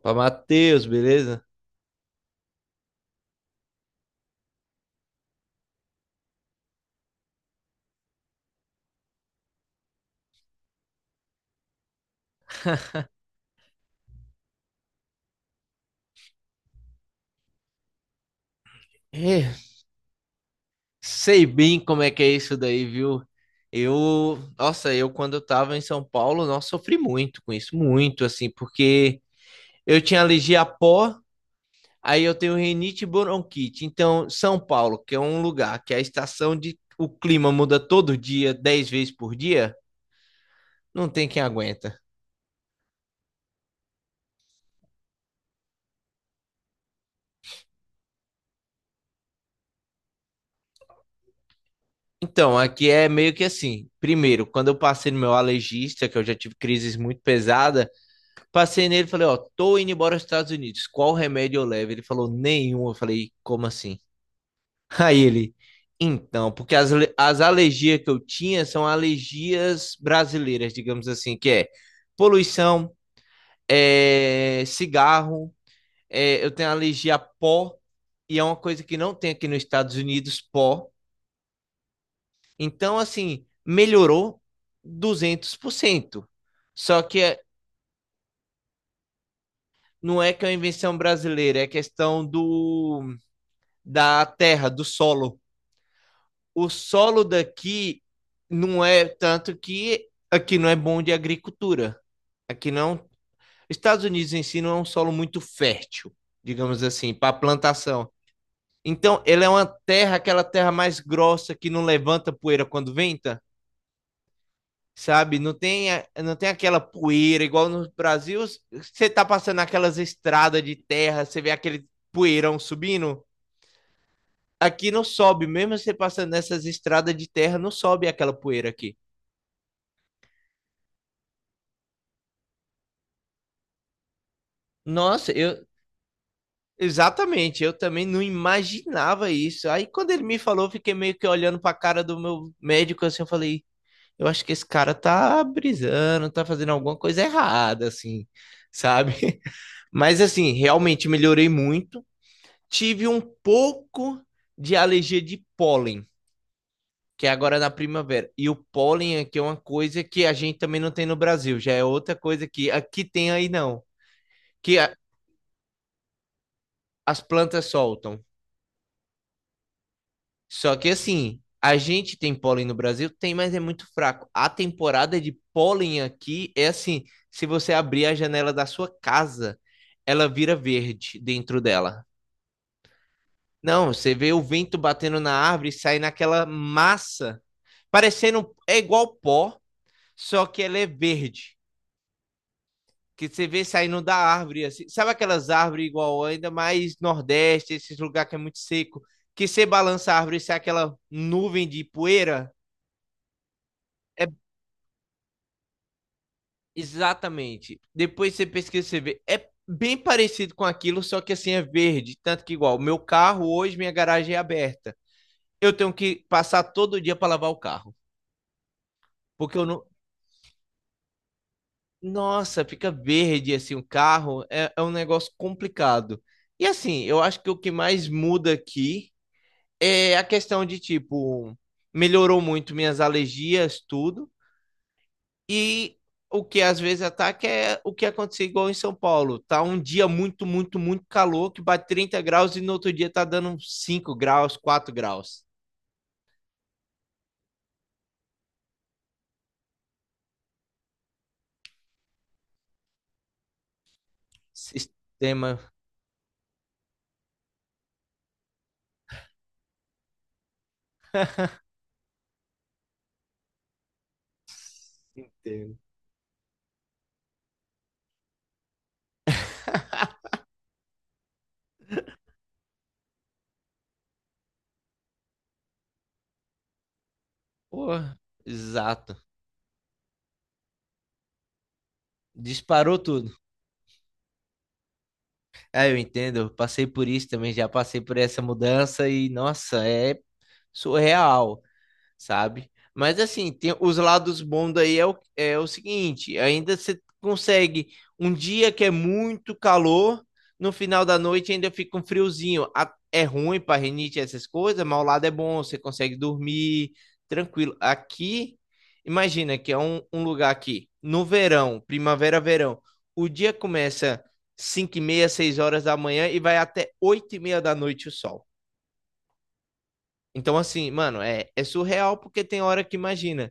Pra Matheus, beleza? É, sei bem como é que é isso daí, viu? Eu, nossa, eu quando eu tava em São Paulo, nossa, sofri muito com isso, muito assim, porque eu tinha alergia a pó, aí eu tenho rinite e bronquite. Então, São Paulo, que é um lugar que a estação de o clima muda todo dia, 10 vezes por dia, não tem quem aguenta. Então, aqui é meio que assim. Primeiro, quando eu passei no meu alergista, que eu já tive crises muito pesadas, passei nele e falei: ó, tô indo embora aos Estados Unidos. Qual remédio eu levo? Ele falou: nenhum. Eu falei: como assim? Aí ele, então, porque as alergias que eu tinha são alergias brasileiras, digamos assim, que é poluição, é, cigarro, é, eu tenho alergia a pó, e é uma coisa que não tem aqui nos Estados Unidos, pó. Então, assim, melhorou 200%. Só que é- não é que é uma invenção brasileira, é questão do da terra, do solo. O solo daqui não é tanto que aqui não é bom de agricultura. Aqui não. Estados Unidos em si não é um solo muito fértil, digamos assim, para plantação. Então, ele é uma terra, aquela terra mais grossa que não levanta poeira quando venta, sabe? Não tem aquela poeira igual no Brasil. Você tá passando aquelas estradas de terra, você vê aquele poeirão subindo. Aqui não sobe, mesmo você passando nessas estradas de terra, não sobe aquela poeira aqui. Nossa, eu. Exatamente, eu também não imaginava isso. Aí quando ele me falou, eu fiquei meio que olhando pra cara do meu médico assim, eu falei: eu acho que esse cara tá brisando, tá fazendo alguma coisa errada, assim, sabe? Mas assim, realmente melhorei muito. Tive um pouco de alergia de pólen, que é agora na primavera. E o pólen aqui é uma coisa que a gente também não tem no Brasil, já é outra coisa que aqui tem aí não, que as plantas soltam. Só que assim, a gente tem pólen no Brasil? Tem, mas é muito fraco. A temporada de pólen aqui é assim, se você abrir a janela da sua casa, ela vira verde dentro dela. Não, você vê o vento batendo na árvore e sai naquela massa, parecendo, é igual pó, só que ela é verde. Que você vê saindo da árvore, assim. Sabe aquelas árvores igual ainda mais Nordeste, esses lugares que é muito seco, que você balança a árvore e sai aquela nuvem de poeira? É, exatamente. Depois você pesquisa, você vê. É bem parecido com aquilo, só que assim é verde. Tanto que igual, meu carro hoje, minha garagem é aberta. Eu tenho que passar todo dia para lavar o carro. Porque eu não. Nossa, fica verde assim o carro. É um negócio complicado. E assim, eu acho que o que mais muda aqui é a questão de tipo, melhorou muito minhas alergias, tudo. E o que às vezes ataca é o que aconteceu igual em São Paulo. Tá um dia muito, muito, muito calor, que bate 30 graus e no outro dia tá dando 5 graus, 4 graus. Sistema inteiro. Porra, exato. Disparou tudo. É, eu entendo. Eu passei por isso também, já passei por essa mudança e, nossa, é surreal. Sabe? Mas assim, tem os lados bons, daí é o seguinte: ainda você consegue um dia que é muito calor, no final da noite ainda fica um friozinho. É ruim para rinite e essas coisas, mas o lado é bom, você consegue dormir tranquilo. Aqui, imagina que é um lugar aqui, no verão, primavera, verão, o dia começa 5 e meia, 6 horas da manhã e vai até 8h30 da noite o sol. Então, assim, mano, é surreal porque tem hora que imagina.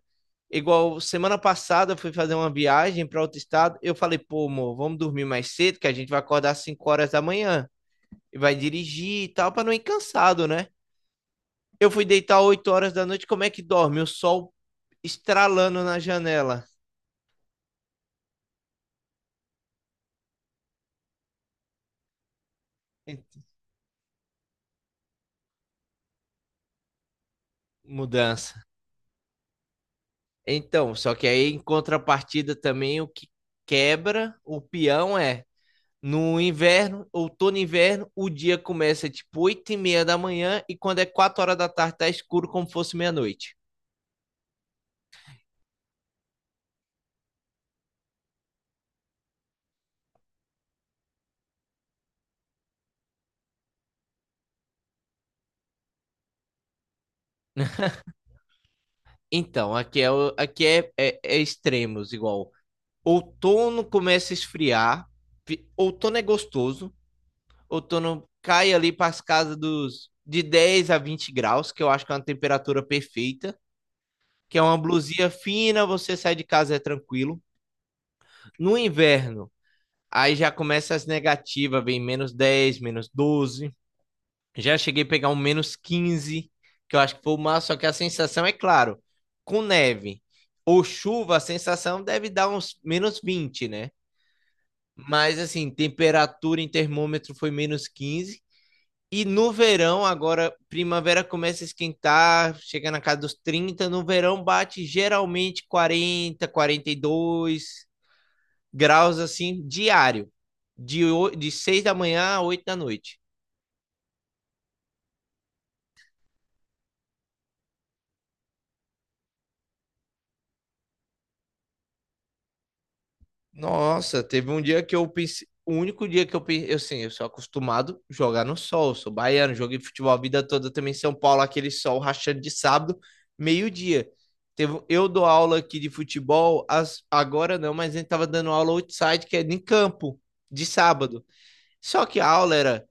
Igual semana passada eu fui fazer uma viagem para outro estado. Eu falei: pô, amor, vamos dormir mais cedo que a gente vai acordar às 5 horas da manhã e vai dirigir e tal, para não ir cansado, né? Eu fui deitar 8 horas da noite, como é que dorme? O sol estralando na janela. Ent- Mudança. Então, só que aí em contrapartida também o que quebra o peão é, no inverno, outono e inverno, o dia começa tipo 8h30 da manhã e quando é 4 horas da tarde tá escuro como se fosse meia-noite. Então, aqui é extremos, igual. Outono começa a esfriar, outono é gostoso, outono cai ali para as casas dos de 10 a 20 graus, que eu acho que é uma temperatura perfeita, que é uma blusinha fina, você sai de casa é tranquilo. No inverno, aí já começa as negativas, vem -10, -12. Já cheguei a pegar um -15, que eu acho que foi o máximo, só que a sensação, é claro, com neve ou chuva, a sensação deve dar uns -20, né? Mas assim, temperatura em termômetro foi -15. E no verão, agora, primavera começa a esquentar, chega na casa dos 30. No verão, bate geralmente 40, 42 graus assim, diário. De, de 6 da manhã a 8 da noite. Nossa, teve um dia que eu pensei. O único dia que eu pensei. Eu, assim, eu sou acostumado a jogar no sol, sou baiano, joguei futebol a vida toda também em São Paulo, aquele sol rachando de sábado, meio-dia. Teve, eu dou aula aqui de futebol, agora não, mas a gente tava dando aula outside, que é em campo, de sábado. Só que a aula era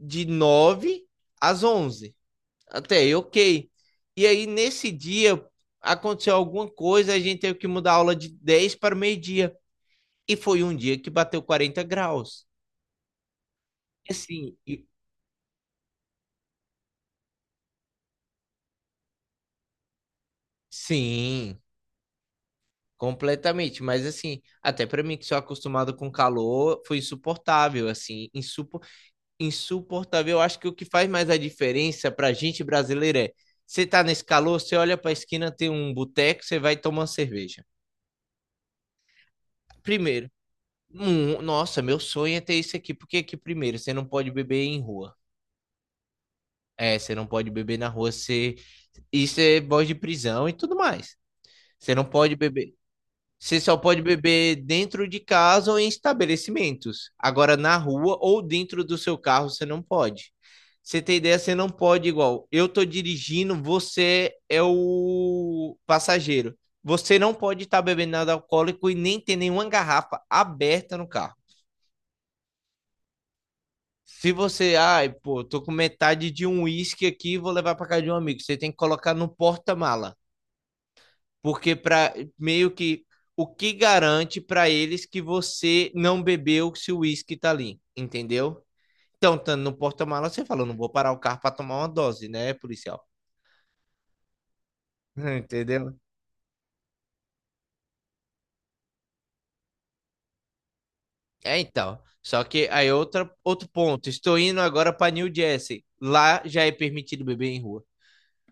de 9 às 11. Até aí, ok. E aí, nesse dia, aconteceu alguma coisa, a gente teve que mudar a aula de 10 para meio-dia. E foi um dia que bateu 40 graus. E assim, sim, completamente. Mas assim, até para mim que sou acostumado com calor, foi insuportável, assim, insuportável. Eu acho que o que faz mais a diferença para gente brasileira é, você tá nesse calor, você olha para a esquina, tem um boteco, você vai tomar uma cerveja. Primeiro, hum, nossa, meu sonho é ter isso aqui, porque aqui primeiro, você não pode beber em rua. É, você não pode beber na rua, isso é voz de prisão e tudo mais. Você não pode beber. Você só pode beber dentro de casa ou em estabelecimentos. Agora, na rua ou dentro do seu carro, você não pode. Você tem ideia, você não pode igual. Eu tô dirigindo, você é o passageiro. Você não pode estar bebendo nada alcoólico e nem ter nenhuma garrafa aberta no carro. Se você, ai, pô, tô com metade de um uísque aqui, vou levar pra casa de um amigo. Você tem que colocar no porta-mala, porque para meio que o que garante pra eles que você não bebeu se o uísque tá ali, entendeu? Então, estando no porta-mala, você fala: não vou parar o carro pra tomar uma dose, né, policial? Entendeu? É, então. Só que aí é outro ponto. Estou indo agora pra New Jersey. Lá já é permitido beber em rua.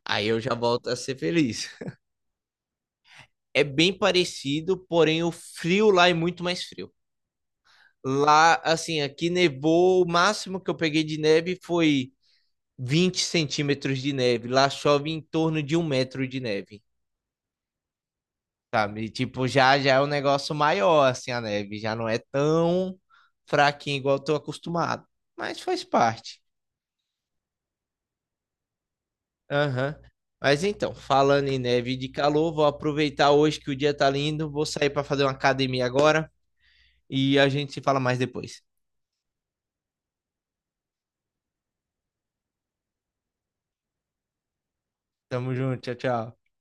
Aí eu já volto a ser feliz. É bem parecido, porém o frio lá é muito mais frio. Lá, assim, aqui nevou, o máximo que eu peguei de neve foi 20 centímetros de neve. Lá chove em torno de um metro de neve, sabe? Tipo, já é um negócio maior, assim, a neve. Já não é tão fraquinho igual eu tô acostumado. Mas faz parte. Aham. Mas então, falando em neve e de calor, vou aproveitar hoje que o dia tá lindo, vou sair para fazer uma academia agora e a gente se fala mais depois. Tamo junto, tchau, tchau.